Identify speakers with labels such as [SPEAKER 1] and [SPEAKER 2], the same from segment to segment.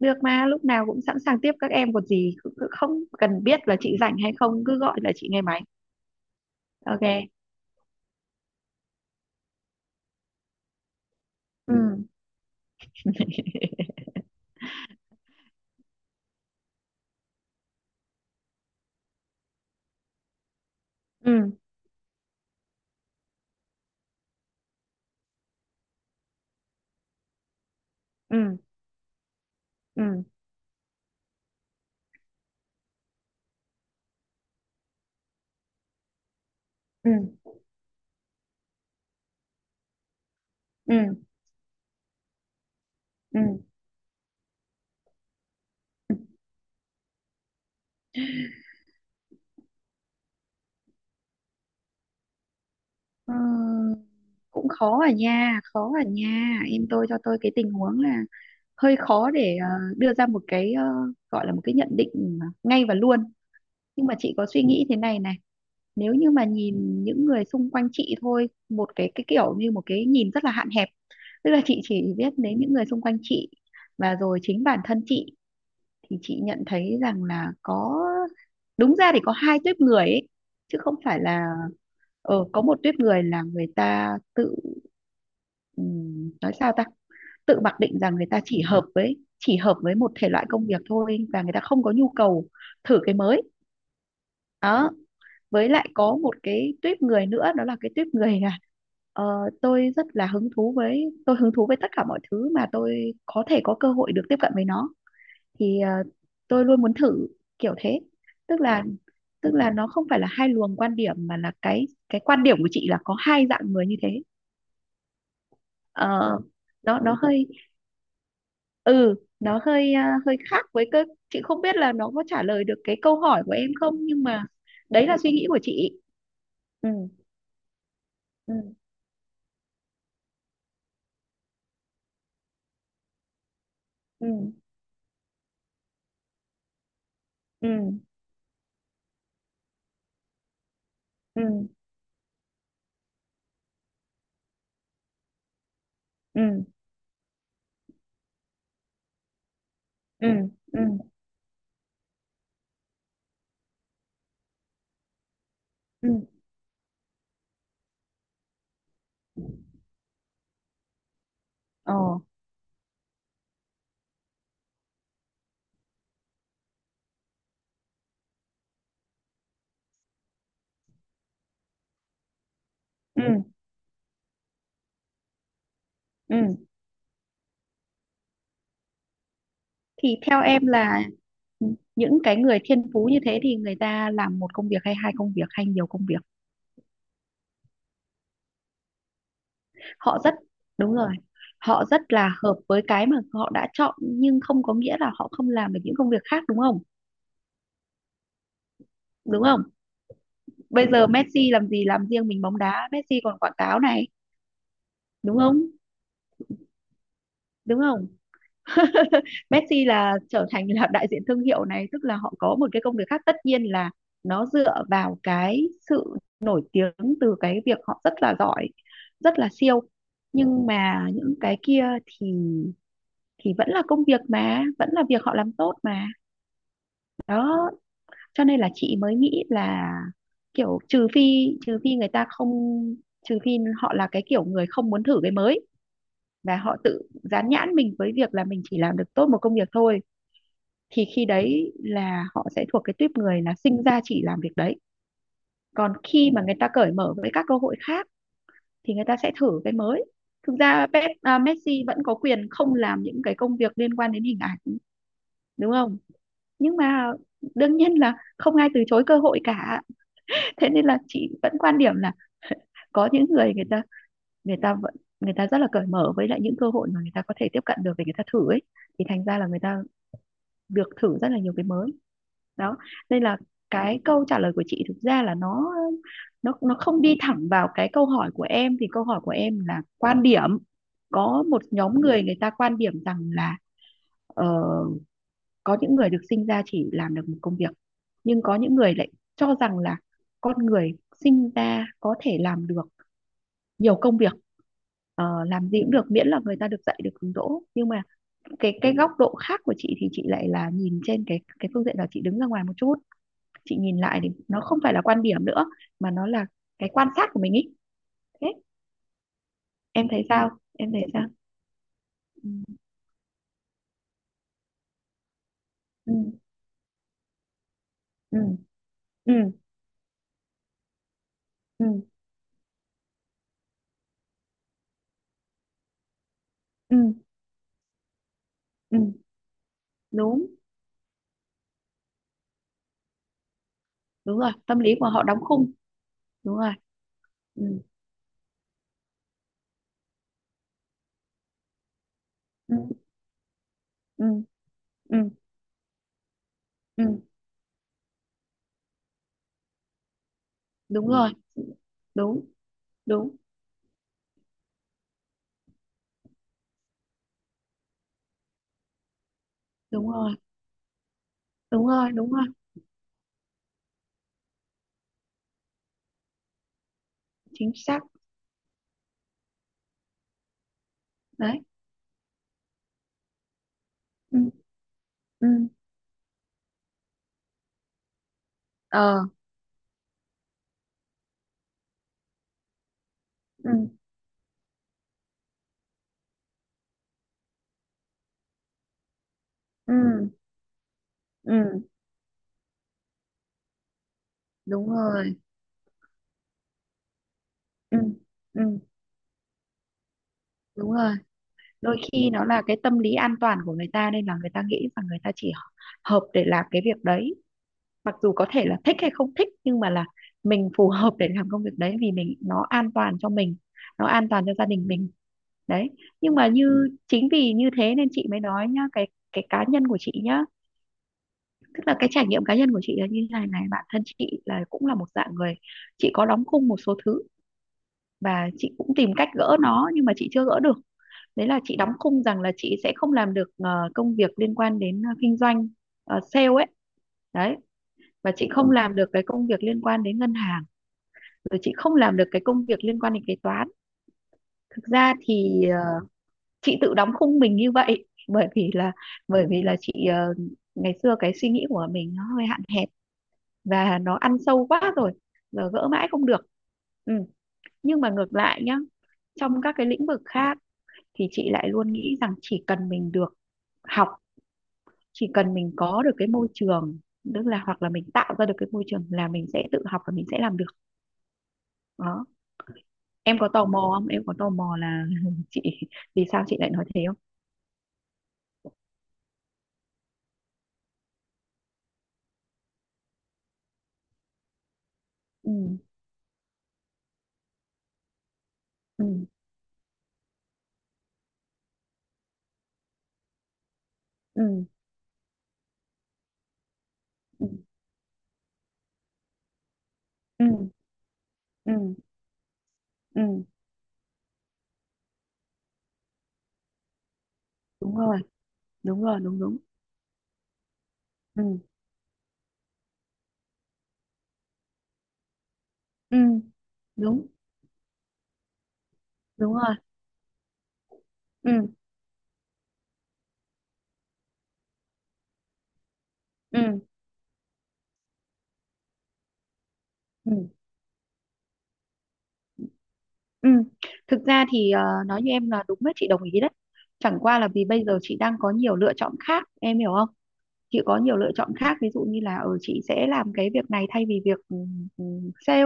[SPEAKER 1] Được mà, lúc nào cũng sẵn sàng tiếp các em còn gì. Cứ không cần biết là chị rảnh hay không, cứ gọi là chị nghe máy. Ok. Ừ. Ừ. Ừ. Ừ. Ừ. Ừ. Ừ. Ờ, cũng khó à nha, khó à nha em, tôi cho tôi cái tình huống là hơi khó để đưa ra một cái gọi là một cái nhận định ngay và luôn. Nhưng mà chị có suy nghĩ thế này này. Nếu như mà nhìn những người xung quanh chị thôi, một cái kiểu như một cái nhìn rất là hạn hẹp, tức là chị chỉ biết đến những người xung quanh chị và rồi chính bản thân chị, thì chị nhận thấy rằng là có, đúng ra thì có hai tuýp người ấy, chứ không phải là. Có một tuýp người là người ta tự, nói sao ta, tự mặc định rằng người ta chỉ hợp với một thể loại công việc thôi và người ta không có nhu cầu thử cái mới. Đó. Với lại có một cái tuýp người nữa, đó là cái tuýp người là ờ, tôi hứng thú với tất cả mọi thứ mà tôi có thể có cơ hội được tiếp cận với nó, thì tôi luôn muốn thử, kiểu thế. Tức là tức là nó không phải là hai luồng quan điểm mà là cái quan điểm của chị là có hai dạng người như thế. Ờ, nó hơi, ừ hơi khác với cơ. Chị không biết là nó có trả lời được cái câu hỏi của em không, nhưng mà đấy là suy nghĩ của chị. Ừ. Ừ. Ừ. Ừ. Ừ. Ừ. Ừ. Ừ. Ừ. Ờ. Ừ. Ừ. Thì theo em là những cái người thiên phú như thế thì người ta làm một công việc, hay hai công việc, hay nhiều công việc. Họ rất, đúng rồi, họ rất là hợp với cái mà họ đã chọn, nhưng không có nghĩa là họ không làm được những công việc khác, đúng không? Đúng không? Bây giờ Messi làm gì, làm riêng mình bóng đá? Messi còn quảng cáo này, đúng không? Đúng không? Messi là trở thành là đại diện thương hiệu này, tức là họ có một cái công việc khác, tất nhiên là nó dựa vào cái sự nổi tiếng từ cái việc họ rất là giỏi, rất là siêu. Nhưng mà những cái kia thì vẫn là công việc, mà vẫn là việc họ làm tốt mà. Đó. Cho nên là chị mới nghĩ là kiểu trừ phi, trừ phi người ta không trừ phi họ là cái kiểu người không muốn thử cái mới và họ tự dán nhãn mình với việc là mình chỉ làm được tốt một công việc thôi, thì khi đấy là họ sẽ thuộc cái tuýp người là sinh ra chỉ làm việc đấy. Còn khi mà người ta cởi mở với các cơ hội khác thì người ta sẽ thử cái mới. Thực ra Messi vẫn có quyền không làm những cái công việc liên quan đến hình ảnh, đúng không? Nhưng mà đương nhiên là không ai từ chối cơ hội cả. Thế nên là chị vẫn quan điểm là có những người, người ta vẫn người ta rất là cởi mở với lại những cơ hội mà người ta có thể tiếp cận được để người ta thử ấy, thì thành ra là người ta được thử rất là nhiều cái mới. Đó. Nên là cái câu trả lời của chị thực ra là nó không đi thẳng vào cái câu hỏi của em. Thì câu hỏi của em là quan điểm, có một nhóm người, người ta quan điểm rằng là ờ, có những người được sinh ra chỉ làm được một công việc, nhưng có những người lại cho rằng là con người sinh ra có thể làm được nhiều công việc. Ờ, làm gì cũng được miễn là người ta được dạy, được hướng đỗ. Nhưng mà cái góc độ khác của chị thì chị lại là nhìn trên cái phương diện là chị đứng ra ngoài một chút, chị nhìn lại thì nó không phải là quan điểm nữa, mà nó là cái quan sát của mình ý. Thế. Em thấy sao, em thấy sao? Ừ. Ừ. Ừ. Ừ. Ừ. Ừ. Ừ. Đúng, đúng rồi, tâm lý của họ đóng khung. Đúng rồi. Ừ. Ừ. Ừ. Ừ. Ừ. Đúng rồi. Đúng. Đúng. Đúng rồi. Đúng rồi. Đúng rồi. Chính xác. Đấy. Ừ. Ừ. Ờ. Ừ. Ừ. Ừ. Đúng rồi. Ừ. Ừ. Đúng rồi. Đôi khi nó là cái tâm lý an toàn của người ta, nên là người ta nghĩ rằng người ta chỉ hợp để làm cái việc đấy, mặc dù có thể là thích hay không thích, nhưng mà là mình phù hợp để làm công việc đấy vì mình nó an toàn cho mình, nó an toàn cho gia đình mình. Đấy. Nhưng mà như chính vì như thế nên chị mới nói nhá, cái cá nhân của chị nhá, tức là cái trải nghiệm cá nhân của chị là như thế này này. Bản thân chị là cũng là một dạng người, chị có đóng khung một số thứ và chị cũng tìm cách gỡ nó nhưng mà chị chưa gỡ được. Đấy là chị đóng khung rằng là chị sẽ không làm được công việc liên quan đến kinh doanh, sale ấy. Đấy. Và chị không làm được cái công việc liên quan đến ngân hàng, rồi chị không làm được cái công việc liên quan đến kế toán. Thực ra thì chị tự đóng khung mình như vậy bởi vì là, chị ngày xưa cái suy nghĩ của mình nó hơi hạn hẹp và nó ăn sâu quá rồi, giờ gỡ mãi không được. Ừ. Nhưng mà ngược lại nhá, trong các cái lĩnh vực khác thì chị lại luôn nghĩ rằng chỉ cần mình được học, chỉ cần mình có được cái môi trường, tức là hoặc là mình tạo ra được cái môi trường, là mình sẽ tự học và mình sẽ làm được. Đó. Em có tò mò không, em có tò mò là chị vì sao chị lại nói thế không? Ừ. Ừ. Ừ. Ừ. Ừ. Ừ. Ừ. Đúng rồi. Đúng rồi. Đúng. Đúng. Ừ. Ừ. Đúng. Đúng rồi. Ừ. Ừ. Ừ. Ừ. Thực ra thì nói như em là đúng đấy, chị đồng ý đấy. Chẳng qua là vì bây giờ chị đang có nhiều lựa chọn khác, em hiểu không? Chị có nhiều lựa chọn khác, ví dụ như là ở chị sẽ làm cái việc này thay vì việc ừ, sale,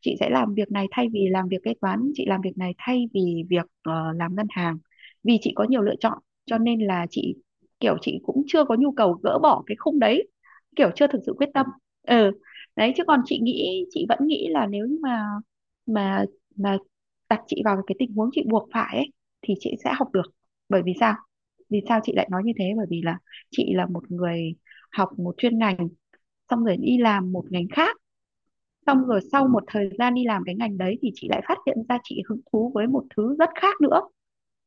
[SPEAKER 1] chị sẽ làm việc này thay vì làm việc kế toán, chị làm việc này thay vì việc làm ngân hàng. Vì chị có nhiều lựa chọn, cho nên là chị kiểu chị cũng chưa có nhu cầu gỡ bỏ cái khung đấy, kiểu chưa thực sự quyết tâm. Ừ. Đấy chứ còn chị nghĩ, chị vẫn nghĩ là nếu như mà mà đặt chị vào cái tình huống chị buộc phải ấy, thì chị sẽ học được. Bởi vì sao? Vì sao chị lại nói như thế? Bởi vì là chị là một người học một chuyên ngành, xong rồi đi làm một ngành khác, xong rồi sau một thời gian đi làm cái ngành đấy thì chị lại phát hiện ra chị hứng thú với một thứ rất khác nữa.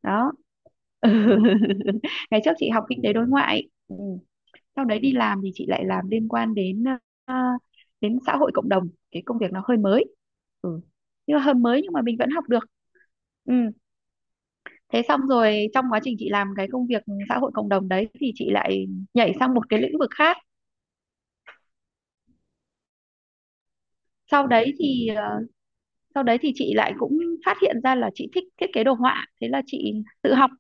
[SPEAKER 1] Đó. Ngày trước chị học kinh tế đối ngoại. Ừ. Sau đấy đi làm thì chị lại làm liên quan đến đến xã hội cộng đồng, cái công việc nó hơi mới. Ừ. Nhưng mà hơi mới nhưng mà mình vẫn học được. Ừ. Thế xong rồi trong quá trình chị làm cái công việc xã hội cộng đồng đấy thì chị lại nhảy sang một cái lĩnh vực khác. sau đấy thì ờ, Sau đấy thì chị lại cũng phát hiện ra là chị thích thiết kế đồ họa, thế là chị tự học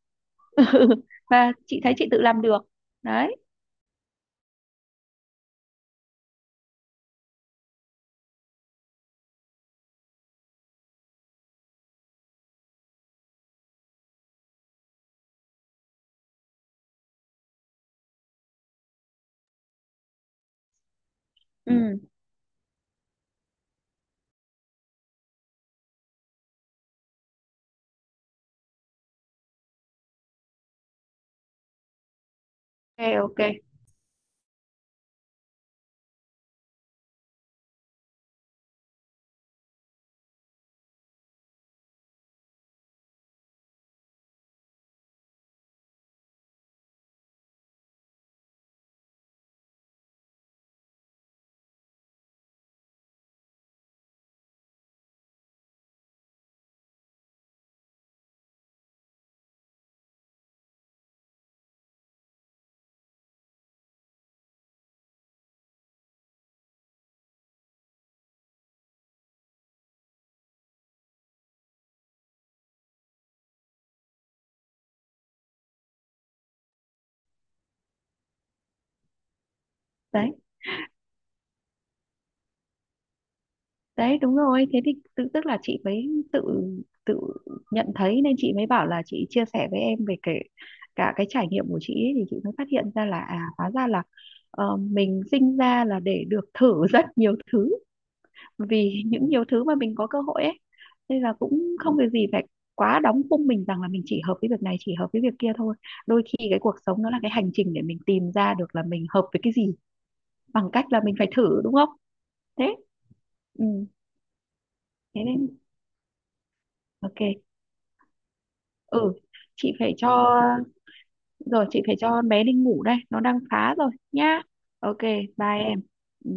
[SPEAKER 1] và chị thấy chị tự làm được. Đấy. Ừ. Ok. Ok. Đấy. Đấy, đúng rồi, thế thì tức là chị mới tự tự nhận thấy, nên chị mới bảo là chị chia sẻ với em về kể cả cái trải nghiệm của chị ấy, thì chị mới phát hiện ra là, à, hóa ra là mình sinh ra là để được thử rất nhiều thứ, vì những nhiều thứ mà mình có cơ hội ấy, nên là cũng không việc gì phải quá đóng khung mình rằng là mình chỉ hợp với việc này, chỉ hợp với việc kia thôi. Đôi khi cái cuộc sống nó là cái hành trình để mình tìm ra được là mình hợp với cái gì, bằng cách là mình phải thử, đúng không? Thế. Ừ. Thế nên. Ok. Ừ. chị phải cho Rồi chị phải cho bé đi ngủ đây, nó đang phá rồi nhá. Ok. Bye em. Ừ.